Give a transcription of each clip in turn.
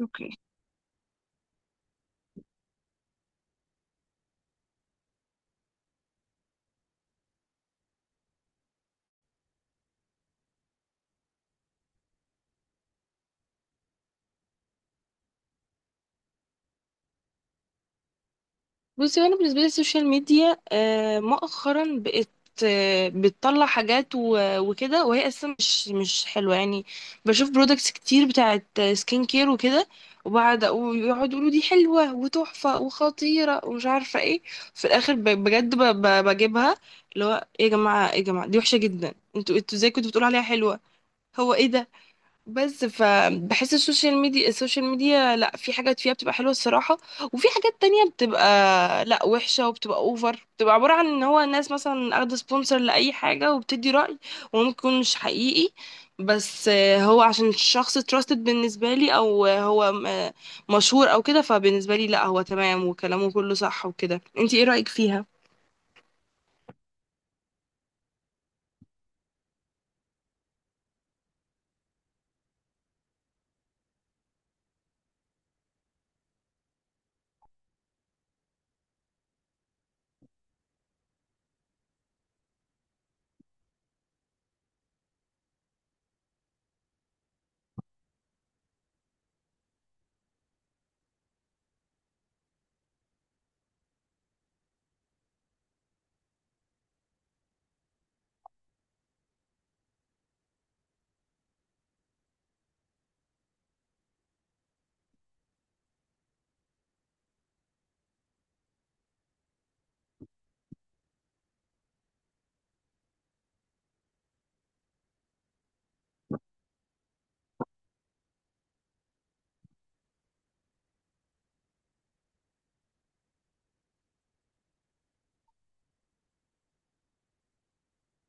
اوكي. بصي، وانا بالنسبه لي السوشيال ميديا مؤخرا بقت بتطلع حاجات وكده، وهي اصلا مش حلوه يعني. بشوف برودكتس كتير بتاعت سكين كير وكده، وبعد ويقعدوا يقولوا دي حلوه وتحفه وخطيره ومش عارفه ايه. في الاخر بجد بجيبها. اللي هو ايه يا جماعه، ايه يا جماعه، دي وحشه جدا، انتوا ازاي كنتوا بتقولوا عليها حلوه؟ هو ايه ده؟ بس فبحس السوشيال ميديا لا، في حاجات فيها بتبقى حلوة الصراحة، وفي حاجات تانية بتبقى لا، وحشة، وبتبقى اوفر، بتبقى عبارة عن ان هو الناس مثلا اخده سبونسر لأي حاجة وبتدي رأي، وممكن مش حقيقي. بس هو عشان الشخص تراستد بالنسبة لي، او هو مشهور او كده، فبالنسبة لي لا هو تمام وكلامه كله صح وكده. انتي ايه رأيك فيها؟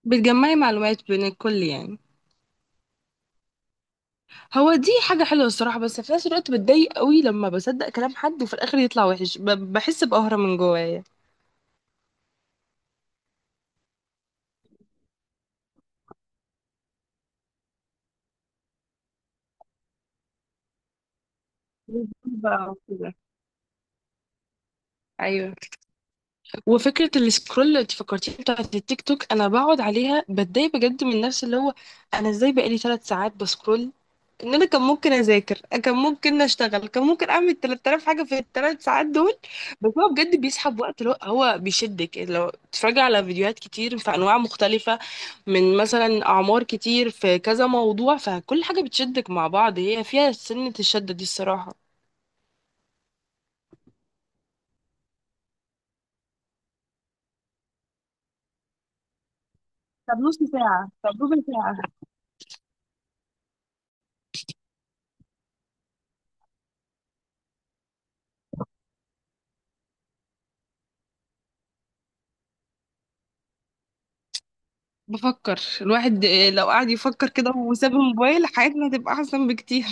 بتجمعي معلومات بين الكل يعني. هو دي حاجة حلوة الصراحة، بس في نفس الوقت بتضايق قوي لما بصدق كلام حد وفي الآخر يطلع وحش، بحس بقهرة من جوايا. بقى وكده. ايوه. وفكرة السكرول اللي انت فكرتيها بتاعت التيك توك أنا بقعد عليها بتضايق بجد من نفسي، اللي هو أنا ازاي بقالي 3 ساعات بسكرول؟ ان انا كان ممكن اذاكر، كان ممكن اشتغل، كان ممكن اعمل 3000 حاجه في ال3 ساعات دول. بس هو بجد بيسحب وقت، لو هو بيشدك، لو تتفرجي على فيديوهات كتير في انواع مختلفه، من مثلا اعمار كتير في كذا موضوع، فكل حاجه بتشدك مع بعض. هي فيها سنه، الشده دي الصراحه. طب نص ساعة، طب ربع ساعة. بفكر الواحد لو قعد يفكر كده وساب الموبايل حياتنا هتبقى أحسن بكتير.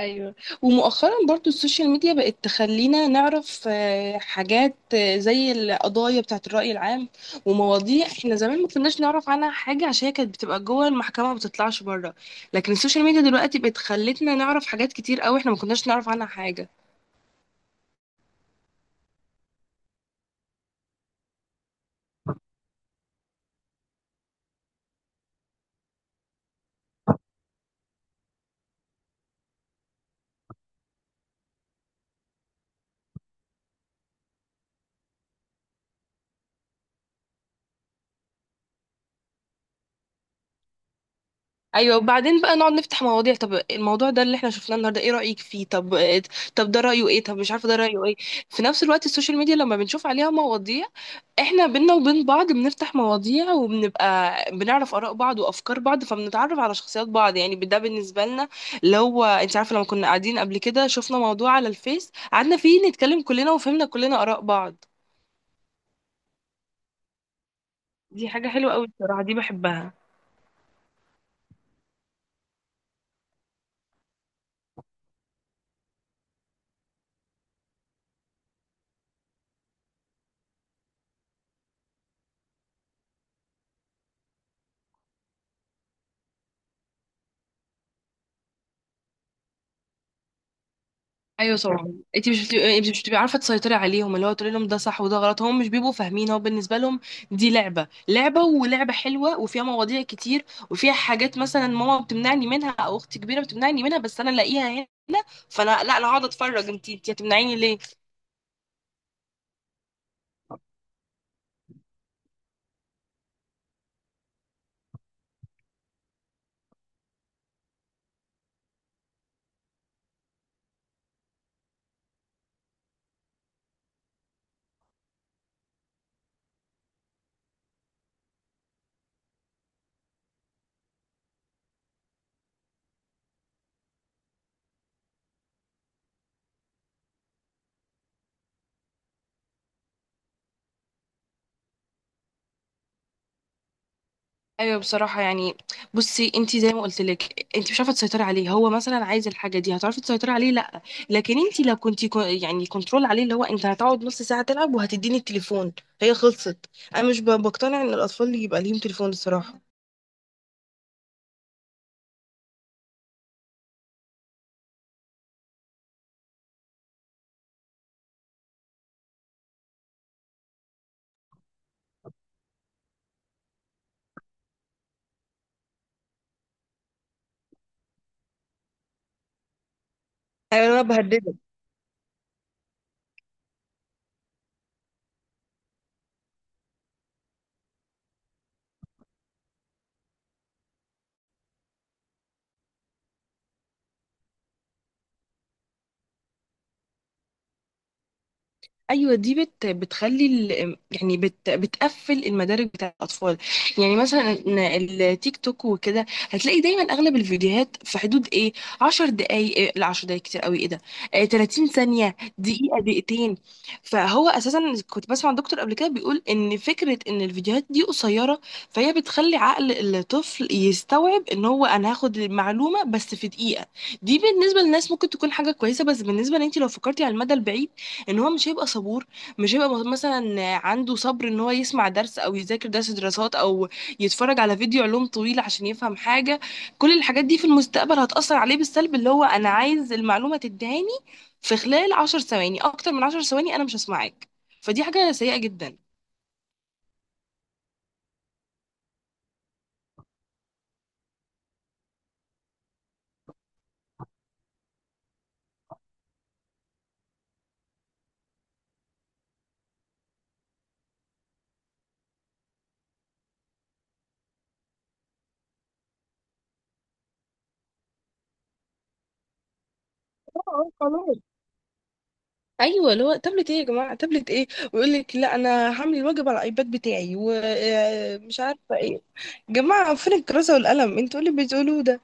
ايوه، ومؤخرا برضو السوشيال ميديا بقت تخلينا نعرف حاجات زي القضايا بتاعت الرأي العام، ومواضيع احنا زمان ما كناش نعرف عنها حاجة عشان هي كانت بتبقى جوه المحكمة ما بتطلعش بره، لكن السوشيال ميديا دلوقتي بقت خلتنا نعرف حاجات كتير قوي احنا ما كناش نعرف عنها حاجة. ايوه. وبعدين بقى نقعد نفتح مواضيع، طب الموضوع ده اللي احنا شفناه النهارده ايه رأيك فيه؟ طب طب ده رأيه ايه؟ طب مش عارفة ده رأيه ايه؟ في نفس الوقت السوشيال ميديا لما بنشوف عليها مواضيع احنا بينا وبين بعض بنفتح مواضيع وبنبقى بنعرف آراء بعض وأفكار بعض فبنتعرف على شخصيات بعض، يعني ده بالنسبة لنا اللي هو انت عارفة لما كنا قاعدين قبل كده شفنا موضوع على الفيس قعدنا فيه نتكلم كلنا وفهمنا كلنا آراء بعض. دي حاجة حلوة قوي بصراحة، دي بحبها. ايوه طبعا. انت مش بتبقي عارفه تسيطري عليهم، اللي هو تقولي لهم ده صح وده غلط، هم مش بيبقوا فاهمين، هو بالنسبه لهم دي لعبه، ولعبه حلوه وفيها مواضيع كتير وفيها حاجات مثلا ماما بتمنعني منها او اختي كبيره بتمنعني منها بس انا الاقيها هنا، فانا لا انا هقعد اتفرج، انت هتمنعيني ليه؟ ايوه بصراحه يعني. بصي انت زي ما قلت لك انت مش عارفه تسيطري عليه، هو مثلا عايز الحاجه دي هتعرفي تسيطري عليه؟ لا. لكن انت لو كنتي يعني كنترول عليه اللي هو انت هتقعد نص ساعه تلعب وهتديني التليفون، هي خلصت. انا مش بقتنع ان الاطفال يبقى ليهم تليفون الصراحه. ايوه انا بهدده. ايوه، دي بتخلي يعني بتقفل المدارك بتاع الاطفال. يعني مثلا إن التيك توك وكده هتلاقي دايما اغلب الفيديوهات في حدود ايه، 10 دقائق؟ إيه لا، 10 دقائق كتير قوي، ايه ده! آه 30 ثانيه، دقيقه، دقيقتين. فهو اساسا كنت بسمع دكتور قبل كده بيقول ان فكره ان الفيديوهات دي قصيره، فهي بتخلي عقل الطفل يستوعب ان هو انا هاخد المعلومه بس في دقيقه. دي بالنسبه للناس ممكن تكون حاجه كويسه، بس بالنسبه لانت لو فكرتي على المدى البعيد ان هو مش هيبقى صبور، مش هيبقى مثلا عنده صبر ان هو يسمع درس او يذاكر درس دراسات او يتفرج على فيديو علوم طويل عشان يفهم حاجة. كل الحاجات دي في المستقبل هتأثر عليه بالسلب، اللي هو انا عايز المعلومة تدهاني في خلال 10 ثواني، اكتر من 10 ثواني انا مش هسمعك. فدي حاجة سيئة جدا. اه خلاص. ايوه، اللي هو تابلت ايه يا جماعه، تابلت ايه؟ ويقول لك لا انا هعمل الواجب على الايباد بتاعي ومش عارفه ايه. جماعه فين الكراسه والقلم، انتوا إيه اللي بتقولوه ده؟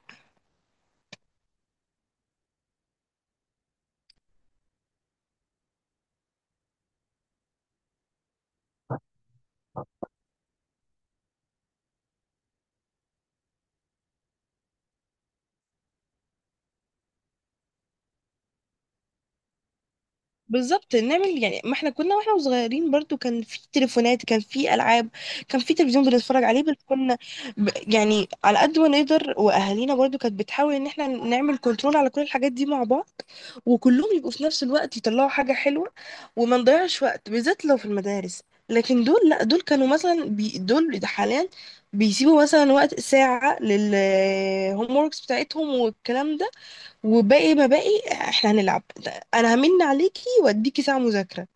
بالظبط. نعمل يعني، ما احنا كنا واحنا صغيرين برضو كان في تليفونات، كان في العاب، كان في تلفزيون بنتفرج عليه، بس كنا يعني على قد ما نقدر، واهالينا برضو كانت بتحاول ان احنا نعمل كنترول على كل الحاجات دي مع بعض وكلهم يبقوا في نفس الوقت يطلعوا حاجة حلوة وما نضيعش وقت بالذات لو في المدارس. لكن دول لا، دول كانوا مثلا دول حاليا بيسيبوا مثلا وقت ساعة لل homeworks بتاعتهم والكلام ده، وباقي ما باقي احنا هنلعب. انا همن عليكي واديكي ساعة مذاكرة.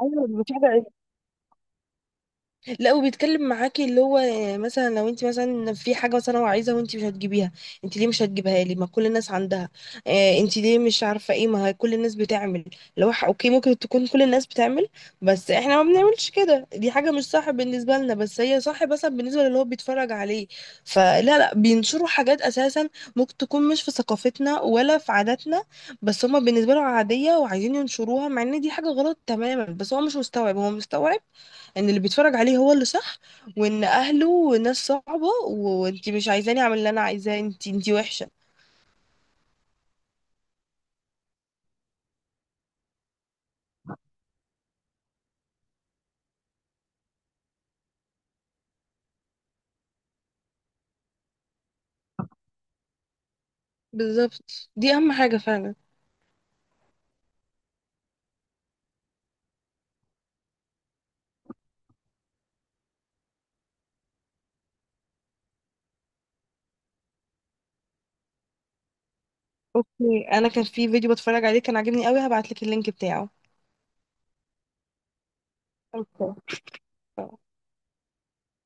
ايوه مفيش حاجه، لا وبيتكلم معاكي، اللي هو مثلا لو انت مثلا في حاجه مثلا هو عايزها وانت مش هتجيبيها، انت ليه مش هتجيبها لي؟ ما كل الناس عندها. اه انت ليه مش عارفه ايه، ما هي كل الناس بتعمل. لو اوكي ممكن تكون كل الناس بتعمل بس احنا ما بنعملش كده، دي حاجه مش صح بالنسبه لنا، بس هي صح مثلا بالنسبه للي هو بيتفرج عليه. فلا، لا بينشروا حاجات اساسا ممكن تكون مش في ثقافتنا ولا في عاداتنا، بس هما بالنسبه لهم عاديه وعايزين ينشروها مع ان دي حاجه غلط تماما. بس هو مش مستوعب، هو مستوعب ان اللي بيتفرج عليه هو اللي صح، وان اهله ناس صعبة، وانتي مش عايزاني اعمل اللي انا عايزاه، انتي وحشة. بالظبط دي اهم حاجة فعلا. اوكي، انا كان في فيديو بتفرج عليه كان عاجبني قوي هبعتلك اللينك بتاعه. اوكي.